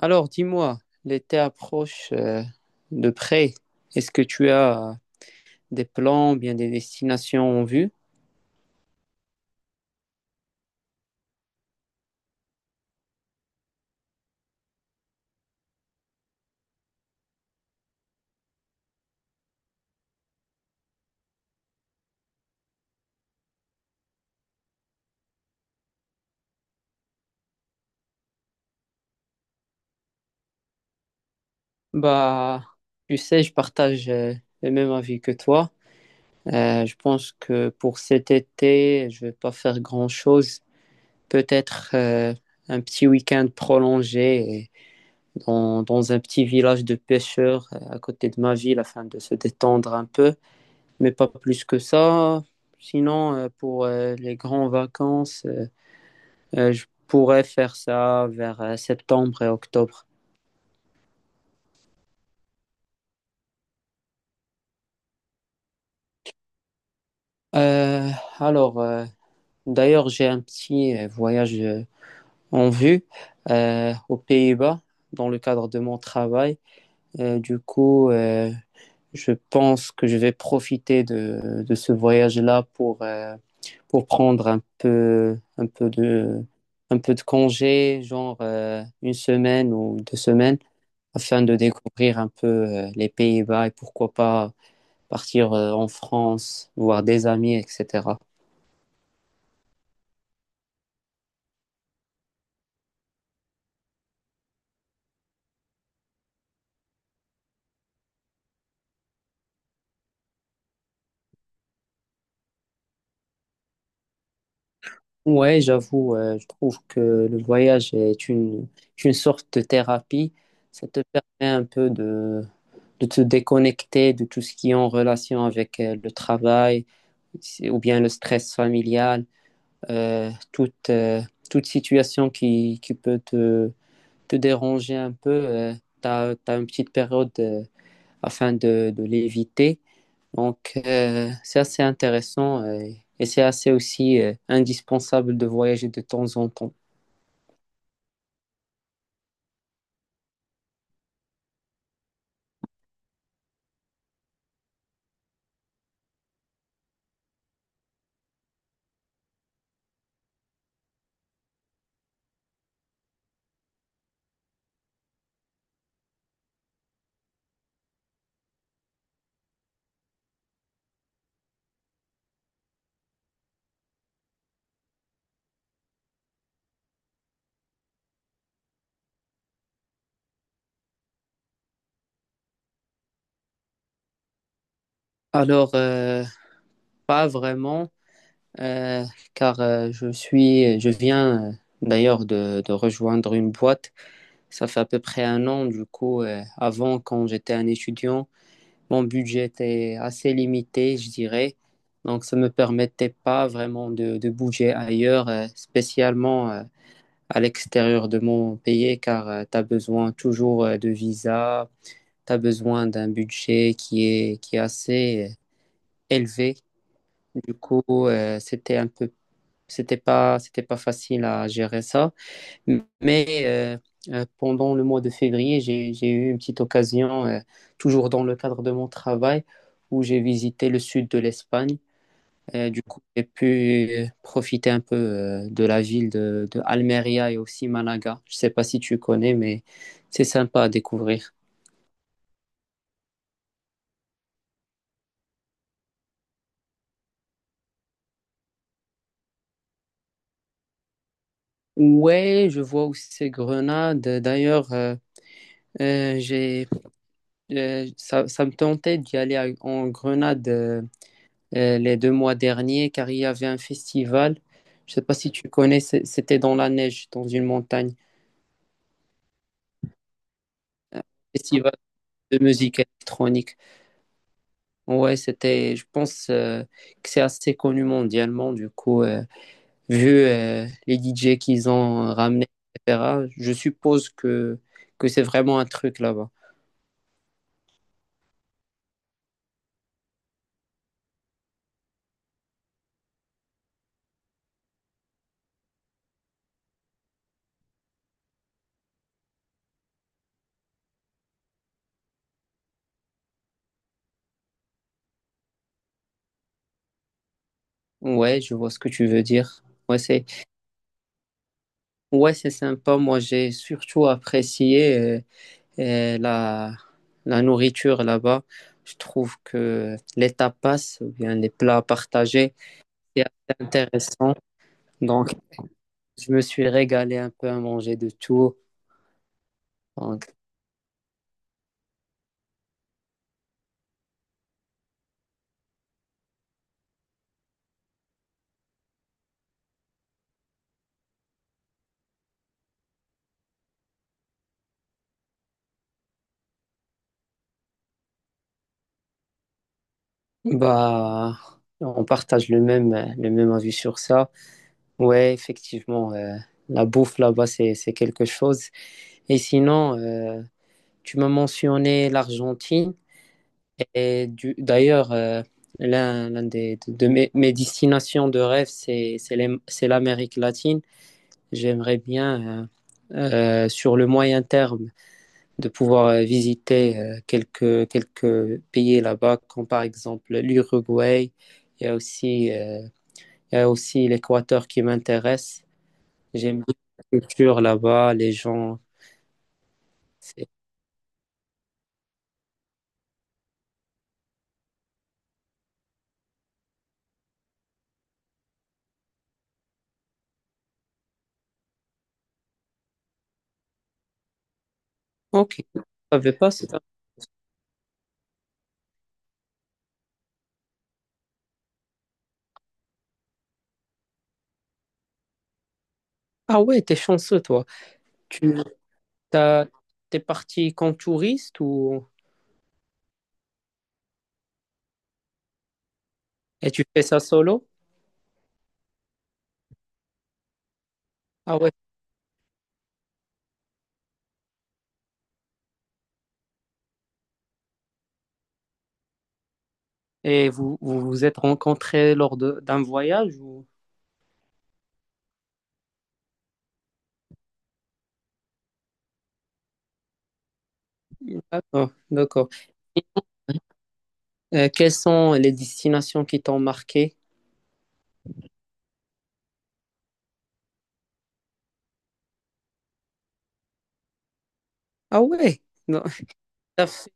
Alors, dis-moi, l'été approche de près. Est-ce que tu as des plans, bien des destinations en vue? Bah, tu sais, je partage le même avis que toi. Je pense que pour cet été, je vais pas faire grand-chose. Peut-être un petit week-end prolongé dans un petit village de pêcheurs à côté de ma ville afin de se détendre un peu, mais pas plus que ça. Sinon, pour les grandes vacances. Je pourrais faire ça vers septembre et octobre. Euh, alors, d'ailleurs, j'ai un petit voyage en vue aux Pays-Bas dans le cadre de mon travail. Du coup, je pense que je vais profiter de ce voyage-là pour prendre un peu, un peu de congé, genre une semaine ou deux semaines, afin de découvrir un peu les Pays-Bas et pourquoi pas partir en France, voir des amis, etc. Ouais, j'avoue, je trouve que le voyage est une sorte de thérapie. Ça te permet un peu de te déconnecter de tout ce qui est en relation avec le travail ou bien le stress familial, euh, toute, euh, toute situation qui peut te déranger un peu. Tu as une petite période afin de l'éviter. Donc, c'est assez intéressant et c'est assez aussi indispensable de voyager de temps en temps. Alors, pas vraiment, euh, car je viens d'ailleurs de rejoindre une boîte. Ça fait à peu près un an, du coup, avant, quand j'étais un étudiant, mon budget était assez limité, je dirais. Donc, ça me permettait pas vraiment de bouger ailleurs, spécialement. À l'extérieur de mon pays car tu as besoin toujours de visa, tu as besoin d'un budget qui est assez élevé. Du coup, c'était un peu, c'était pas facile à gérer ça. Mais euh, Pendant le mois de février, j'ai eu une petite occasion, toujours dans le cadre de mon travail, où j'ai visité le sud de l'Espagne. Et du coup, j'ai pu profiter un peu de la ville de Almeria et aussi Malaga. Je sais pas si tu connais, mais c'est sympa à découvrir. Ouais, je vois aussi ces Grenade. D'ailleurs, euh, j'ai, ça, ça me tentait d'y aller en Grenade les deux mois derniers car il y avait un festival. Je sais pas si tu connais, c'était dans la neige, dans une montagne. Festival de musique électronique. Ouais, c'était, je pense que c'est assez connu mondialement, du coup, vu les DJ qu'ils ont ramenés, etc., je suppose que c'est vraiment un truc là-bas. Ouais, je vois ce que tu veux dire. Ouais, c'est ouais, c'est sympa. Moi, j'ai surtout apprécié euh, la, la nourriture là-bas. Je trouve que les tapas, ou bien les plats partagés, c'est assez intéressant. Donc, je me suis régalé un peu à manger de tout. Donc, Bah, on partage le même avis sur ça. Ouais, effectivement, la bouffe là-bas, c'est quelque chose. Et sinon, tu m'as mentionné l'Argentine. Et d'ailleurs, l'un des, de mes, mes destinations de rêve, c'est l'Amérique latine. J'aimerais bien, euh, sur le moyen terme, de pouvoir visiter quelques pays là-bas, comme par exemple l'Uruguay. Il y a aussi, il y a aussi l'Équateur qui m'intéresse. J'aime bien la culture là-bas, les gens. C'est- Ok, je savais pas ça. Ah ouais, t'es chanceux, toi. Tu t'as, t'es parti comme touriste ou... et tu fais ça solo? Ah ouais. Et vous êtes rencontrés lors d'un voyage ou... D'accord, d'accord. Quelles sont les destinations qui t'ont marqué? Ah ouais, non. T'as fait-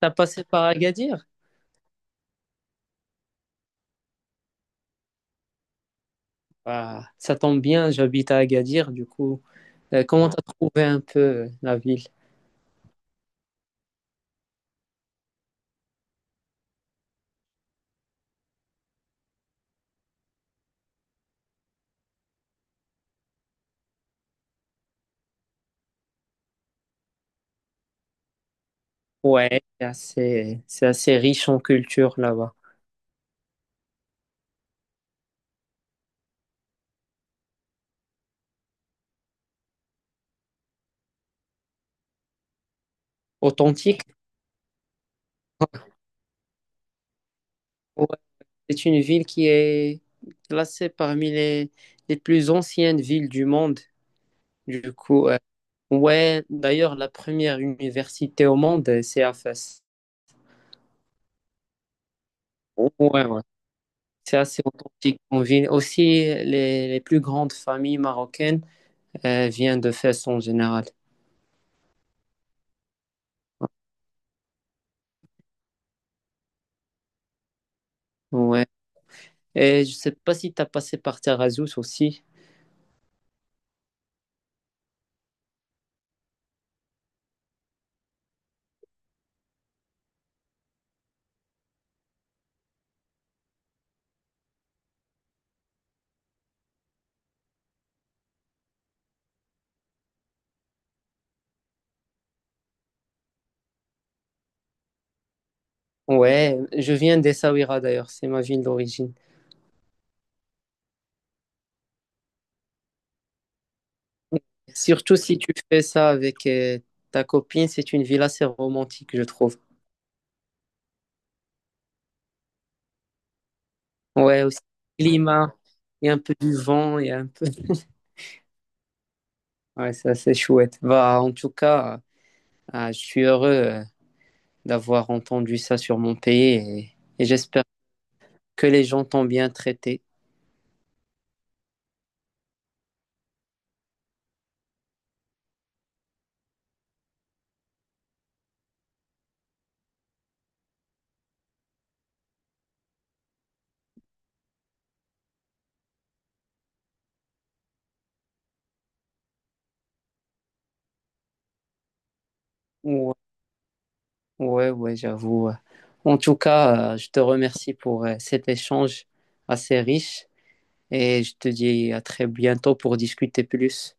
T'as passé par Agadir? Ah, ça tombe bien, j'habite à Agadir, du coup. Comment t'as trouvé un peu la ville? Ouais, c'est assez riche en culture là-bas. Authentique? Ouais, c'est une ville qui est classée parmi les plus anciennes villes du monde. Du coup, ouais, d'ailleurs, la première université au monde, c'est à Fès. Ouais, ouais. C'est assez authentique. On vit aussi les plus grandes familles marocaines viennent de Fès en général. Ouais. Et je sais pas si tu as passé par Taghazout aussi. Ouais, je viens d'Essaouira d'ailleurs, c'est ma ville d'origine. Surtout si tu fais ça avec ta copine, c'est une ville assez romantique, je trouve. Ouais, aussi, le climat, il y a un peu du vent, il y a un peu. Ouais, c'est assez chouette. Bah, en tout cas, je suis heureux d'avoir entendu ça sur mon pays et j'espère que les gens t'ont bien traité. Ouais, ouais, ouais, j'avoue. Ouais. En tout cas, je te remercie pour cet échange assez riche et je te dis à très bientôt pour discuter plus.